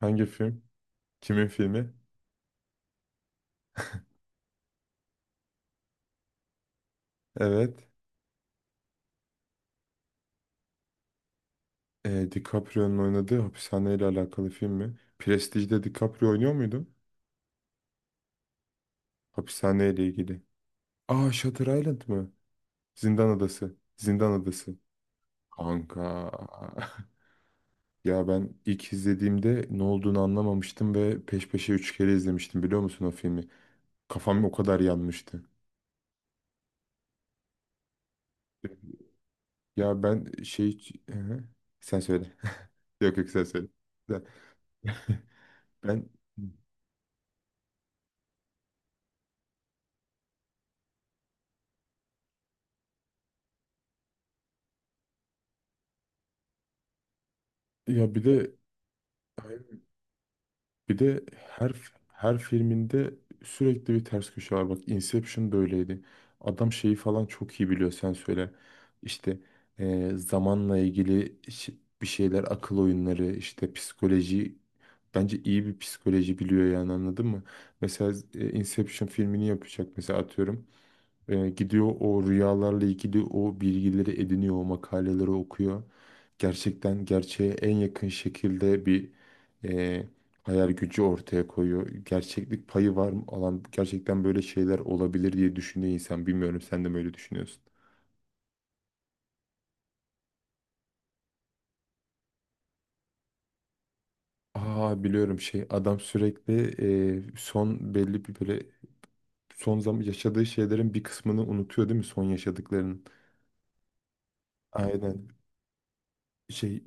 Hangi film? Kimin filmi? Evet. E, DiCaprio'nun oynadığı hapishaneyle alakalı film mi? Prestige'de DiCaprio oynuyor muydu? Hapishaneyle ilgili. Aa, Shutter Island mı? Zindan Adası. Zindan Adası. Kanka. Ya ben ilk izlediğimde ne olduğunu anlamamıştım ve peş peşe üç kere izlemiştim, biliyor musun o filmi? Kafam o kadar yanmıştı. Ya ben şey... Hı hı. Sen söyle. Yok yok sen söyle. Sen- Ben ya bir de Bir de her her filminde sürekli bir ters köşe var. Bak, Inception da öyleydi. Adam şeyi falan çok iyi biliyor, sen söyle. İşte zamanla ilgili bir şeyler, akıl oyunları, işte psikoloji, bence iyi bir psikoloji biliyor yani, anladın mı? Mesela Inception filmini yapacak mesela, atıyorum. Gidiyor, o rüyalarla ilgili o bilgileri ediniyor, o makaleleri okuyor. Gerçekten gerçeğe en yakın şekilde bir e, hayal gücü ortaya koyuyor. Gerçeklik payı var mı, alan gerçekten böyle şeyler olabilir diye düşünüyor insan. Bilmiyorum, sen de mi öyle düşünüyorsun? Aa, biliyorum, şey, adam sürekli son belli bir böyle son zaman yaşadığı şeylerin bir kısmını unutuyor değil mi, son yaşadıklarının? Aynen. Şey,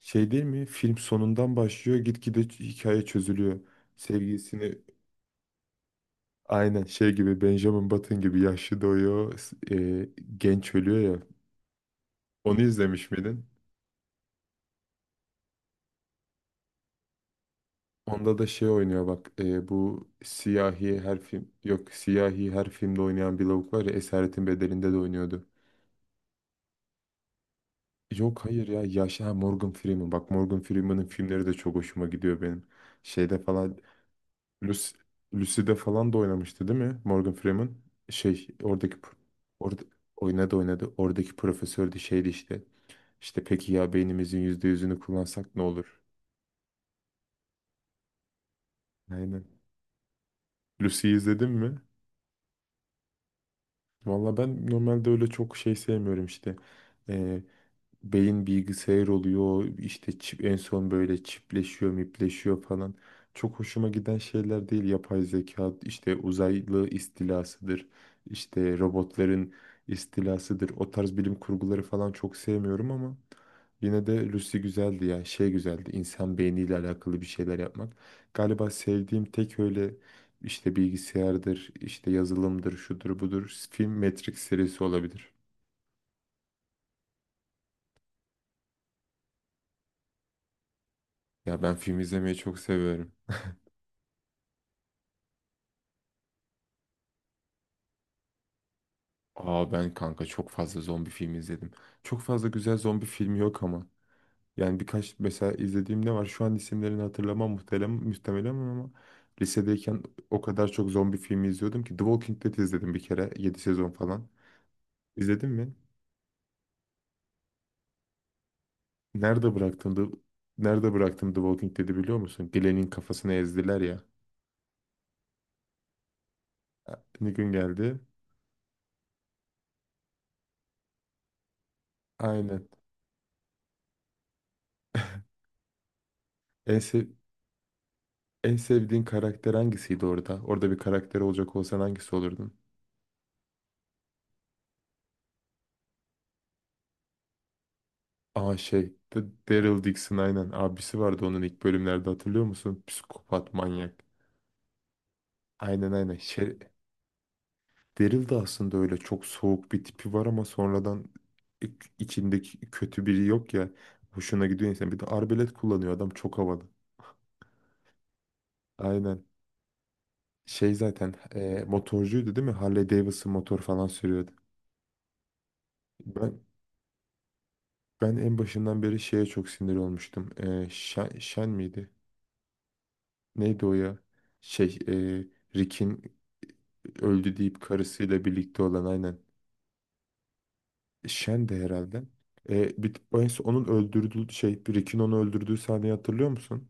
Değil mi? Film sonundan başlıyor, gitgide hikaye çözülüyor. Sevgilisini aynen şey gibi, Benjamin Button gibi yaşlı doğuyor, genç ölüyor ya. Onu izlemiş miydin? Onda da şey oynuyor bak, bu siyahi, her film, yok, siyahi her filmde oynayan bir lavuk var ya, Esaretin Bedeli'nde de oynuyordu. Yok, hayır ya, yaşlı, ha, Morgan Freeman, bak Morgan Freeman'ın filmleri de çok hoşuma gidiyor benim. Şeyde falan, Lucy, Lucy'de falan da oynamıştı değil mi Morgan Freeman? Şey, oradaki orada oynadı oynadı. Oradaki profesör de şeydi işte. İşte, peki ya beynimizin %100'ünü kullansak ne olur? Aynen. Lucy'yi izledin mi? Valla ben normalde öyle çok şey sevmiyorum işte. Beyin bilgisayar oluyor işte, çip, en son böyle çipleşiyor mipleşiyor falan. Çok hoşuma giden şeyler değil, yapay zeka, işte uzaylı istilasıdır, işte robotların istilasıdır, o tarz bilim kurguları falan çok sevmiyorum ama yine de Lucy güzeldi ya, şey güzeldi, insan beyniyle alakalı bir şeyler yapmak. Galiba sevdiğim tek öyle işte bilgisayardır, işte yazılımdır, şudur budur film, Matrix serisi olabilir. Ya ben film izlemeyi çok seviyorum. Aa, ben kanka çok fazla zombi filmi izledim. Çok fazla güzel zombi filmi yok ama. Yani birkaç, mesela izlediğim ne var? Şu an isimlerini hatırlamam muhtemelen, ama lisedeyken o kadar çok zombi filmi izliyordum ki The Walking Dead izledim bir kere, 7 sezon falan. İzledin mi? Nerede bıraktım The, Nerede bıraktım The Walking Dead'i biliyor musun? Glenn'in kafasını ezdiler ya. Ne gün geldi? Aynen. En, sev- en sevdiğin karakter hangisiydi orada? Orada bir karakter olacak olsan hangisi olurdun? Aa, şey, Daryl Dixon, aynen, abisi vardı onun ilk bölümlerde, hatırlıyor musun? Psikopat manyak. Aynen aynen. Şey, Daryl de aslında öyle çok soğuk bir tipi var ama sonradan i- içindeki kötü biri yok ya. Hoşuna gidiyor insan. Bir de arbelet kullanıyor adam, çok havalı. Aynen. Şey, zaten motorcuydu değil mi? Harley Davidson motor falan sürüyordu. Ben ben en başından beri şeye çok sinir olmuştum. Shen, Shen miydi? Neydi o ya? Şey, Rick'in öldü deyip karısıyla birlikte olan, aynen. Shen de herhalde. En son onun öldürdüğü şey, Rick'in onu öldürdüğü sahneyi hatırlıyor musun?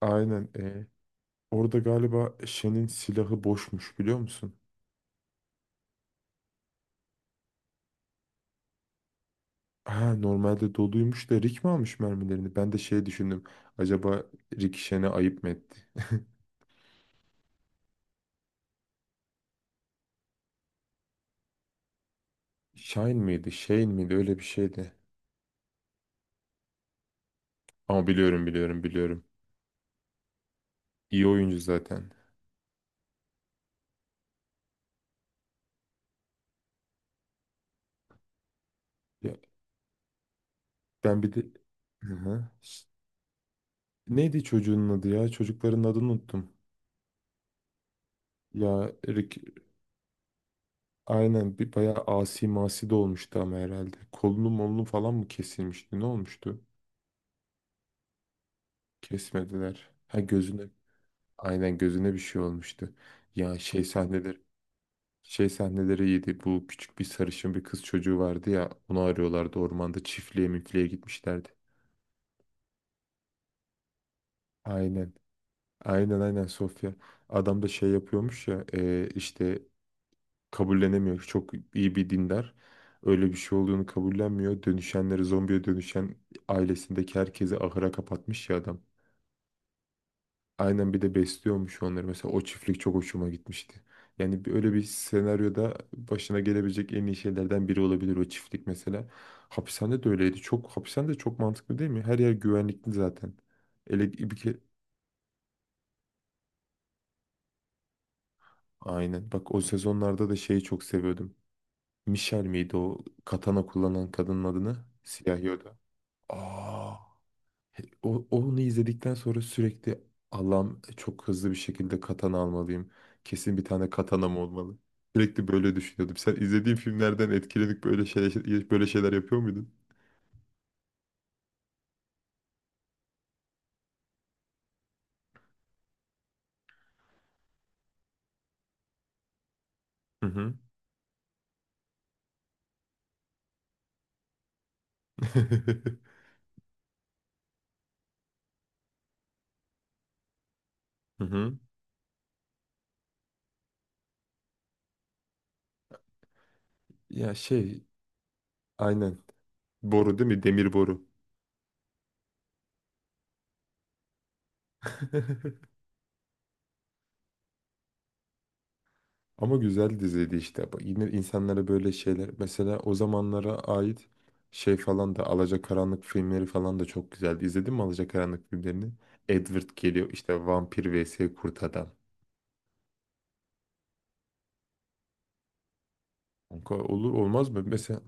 Aynen. Orada galiba Shen'in silahı boşmuş, biliyor musun? Ha, normalde doluymuş da Rick mi almış mermilerini? Ben de şey düşündüm. Acaba Rick Shen'e ayıp mı etti? Shine miydi, Shane miydi? Öyle bir şeydi. Ama biliyorum, biliyorum, biliyorum. İyi oyuncu zaten. Ya, ben bir de... Hı hı. Neydi çocuğun adı ya? Çocukların adını unuttum. Ya Rick, aynen, bir bayağı asi masi de olmuştu ama herhalde. Kolunu molunu falan mı kesilmişti, ne olmuştu? Kesmediler. Ha, gözüne, aynen, gözüne bir şey olmuştu. Ya, şey sahneleri, iyiydi. Bu, küçük bir sarışın bir kız çocuğu vardı ya, onu arıyorlardı ormanda, çiftliğe müfliğe gitmişlerdi. Aynen. Aynen aynen, Sofya. Adam da şey yapıyormuş ya, işte kabullenemiyor. Çok iyi bir dindar. Öyle bir şey olduğunu kabullenmiyor. Dönüşenleri, zombiye dönüşen ailesindeki herkesi ahıra kapatmış ya adam. Aynen, bir de besliyormuş onları. Mesela o çiftlik çok hoşuma gitmişti. Yani öyle bir senaryoda başına gelebilecek en iyi şeylerden biri olabilir o çiftlik mesela. Hapishane de öyleydi. Çok, hapishane de çok mantıklı değil mi? Her yer güvenlikli zaten. Ele bir ke- Aynen. Bak, o sezonlarda da şeyi çok seviyordum. Michelle miydi o katana kullanan kadının adını? Siyahi, o da. Aa, onu izledikten sonra sürekli, Allah'ım çok hızlı bir şekilde katana almalıyım. Kesin bir tane katanam olmalı. Sürekli böyle düşünüyordum. Sen izlediğin filmlerden etkilenip böyle şeyler, yapıyor muydun? Hı hı. Hı hı. Ya, şey, aynen. Boru değil mi? Demir boru. Ama güzel diziydi işte. Bu, yine insanlara böyle şeyler. Mesela o zamanlara ait şey falan da, Alacakaranlık filmleri falan da çok güzeldi. İzledin mi Alacakaranlık filmlerini? Edward geliyor işte, vampir vs kurt adam. Kanka, olur olmaz mı? Mesela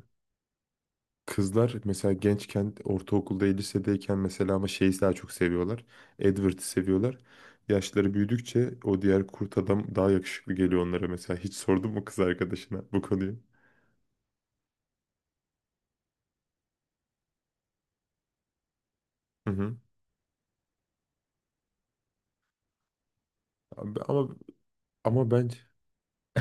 kızlar, mesela gençken, ortaokulda, lisedeyken mesela, ama şeyi daha çok seviyorlar. Edward'ı seviyorlar. Yaşları büyüdükçe o diğer kurt adam daha yakışıklı geliyor onlara mesela. Hiç sordun mu kız arkadaşına bu konuyu? Hı hı. Abi, ama bence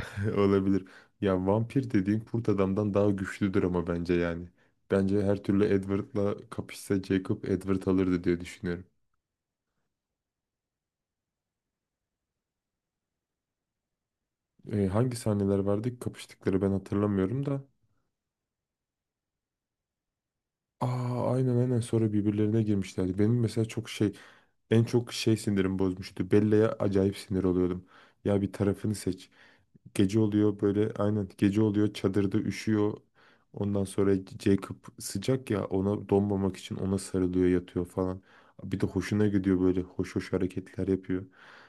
olabilir. Ya vampir dediğin kurt adamdan daha güçlüdür ama, bence yani. Bence her türlü Edward'la kapışsa Jacob, Edward alırdı diye düşünüyorum. Hangi sahneler vardı ki kapıştıkları, ben hatırlamıyorum da. Aa, aynen aynen, sonra birbirlerine girmişlerdi. Benim mesela çok şey, sinirim bozmuştu. Bella'ya acayip sinir oluyordum. Ya, bir tarafını seç. Gece oluyor böyle, aynen gece oluyor, çadırda üşüyor. Ondan sonra Jacob sıcak ya, ona donmamak için ona sarılıyor, yatıyor falan. Bir de hoşuna gidiyor, böyle hoş hoş hareketler yapıyor.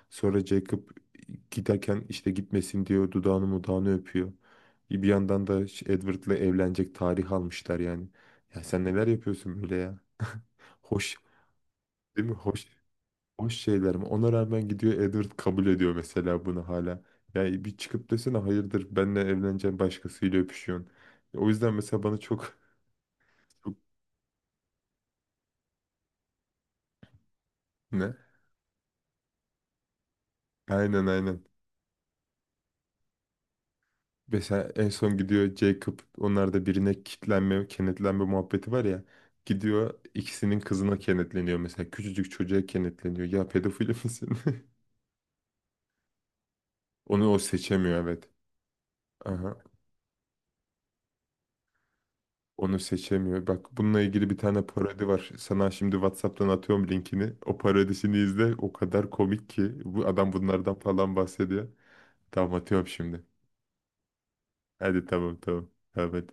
Sonra Jacob giderken işte gitmesin diyor, dudağını mudağını öpüyor. Bir yandan da Edward'la evlenecek, tarih almışlar yani. Ya sen neler yapıyorsun böyle ya? Hoş değil mi? Boş şeyler mi? Ona rağmen gidiyor Edward, kabul ediyor mesela bunu hala. Yani bir çıkıp desene, hayırdır, benle evleneceğim, başkasıyla öpüşüyorsun. O yüzden mesela bana çok çok ne? Aynen aynen. Mesela en son gidiyor Jacob, onlarda birine kitlenme, kenetlenme muhabbeti var ya. Gidiyor ikisinin kızına kenetleniyor mesela. Küçücük çocuğa kenetleniyor. Ya pedofil misin? Onu o seçemiyor, evet. Aha. Onu seçemiyor. Bak, bununla ilgili bir tane parodi var. Sana şimdi WhatsApp'tan atıyorum linkini. O parodisini izle. O kadar komik ki. Bu adam bunlardan falan bahsediyor. Tamam, atıyorum şimdi. Hadi, tamam tamam. Tamam hadi.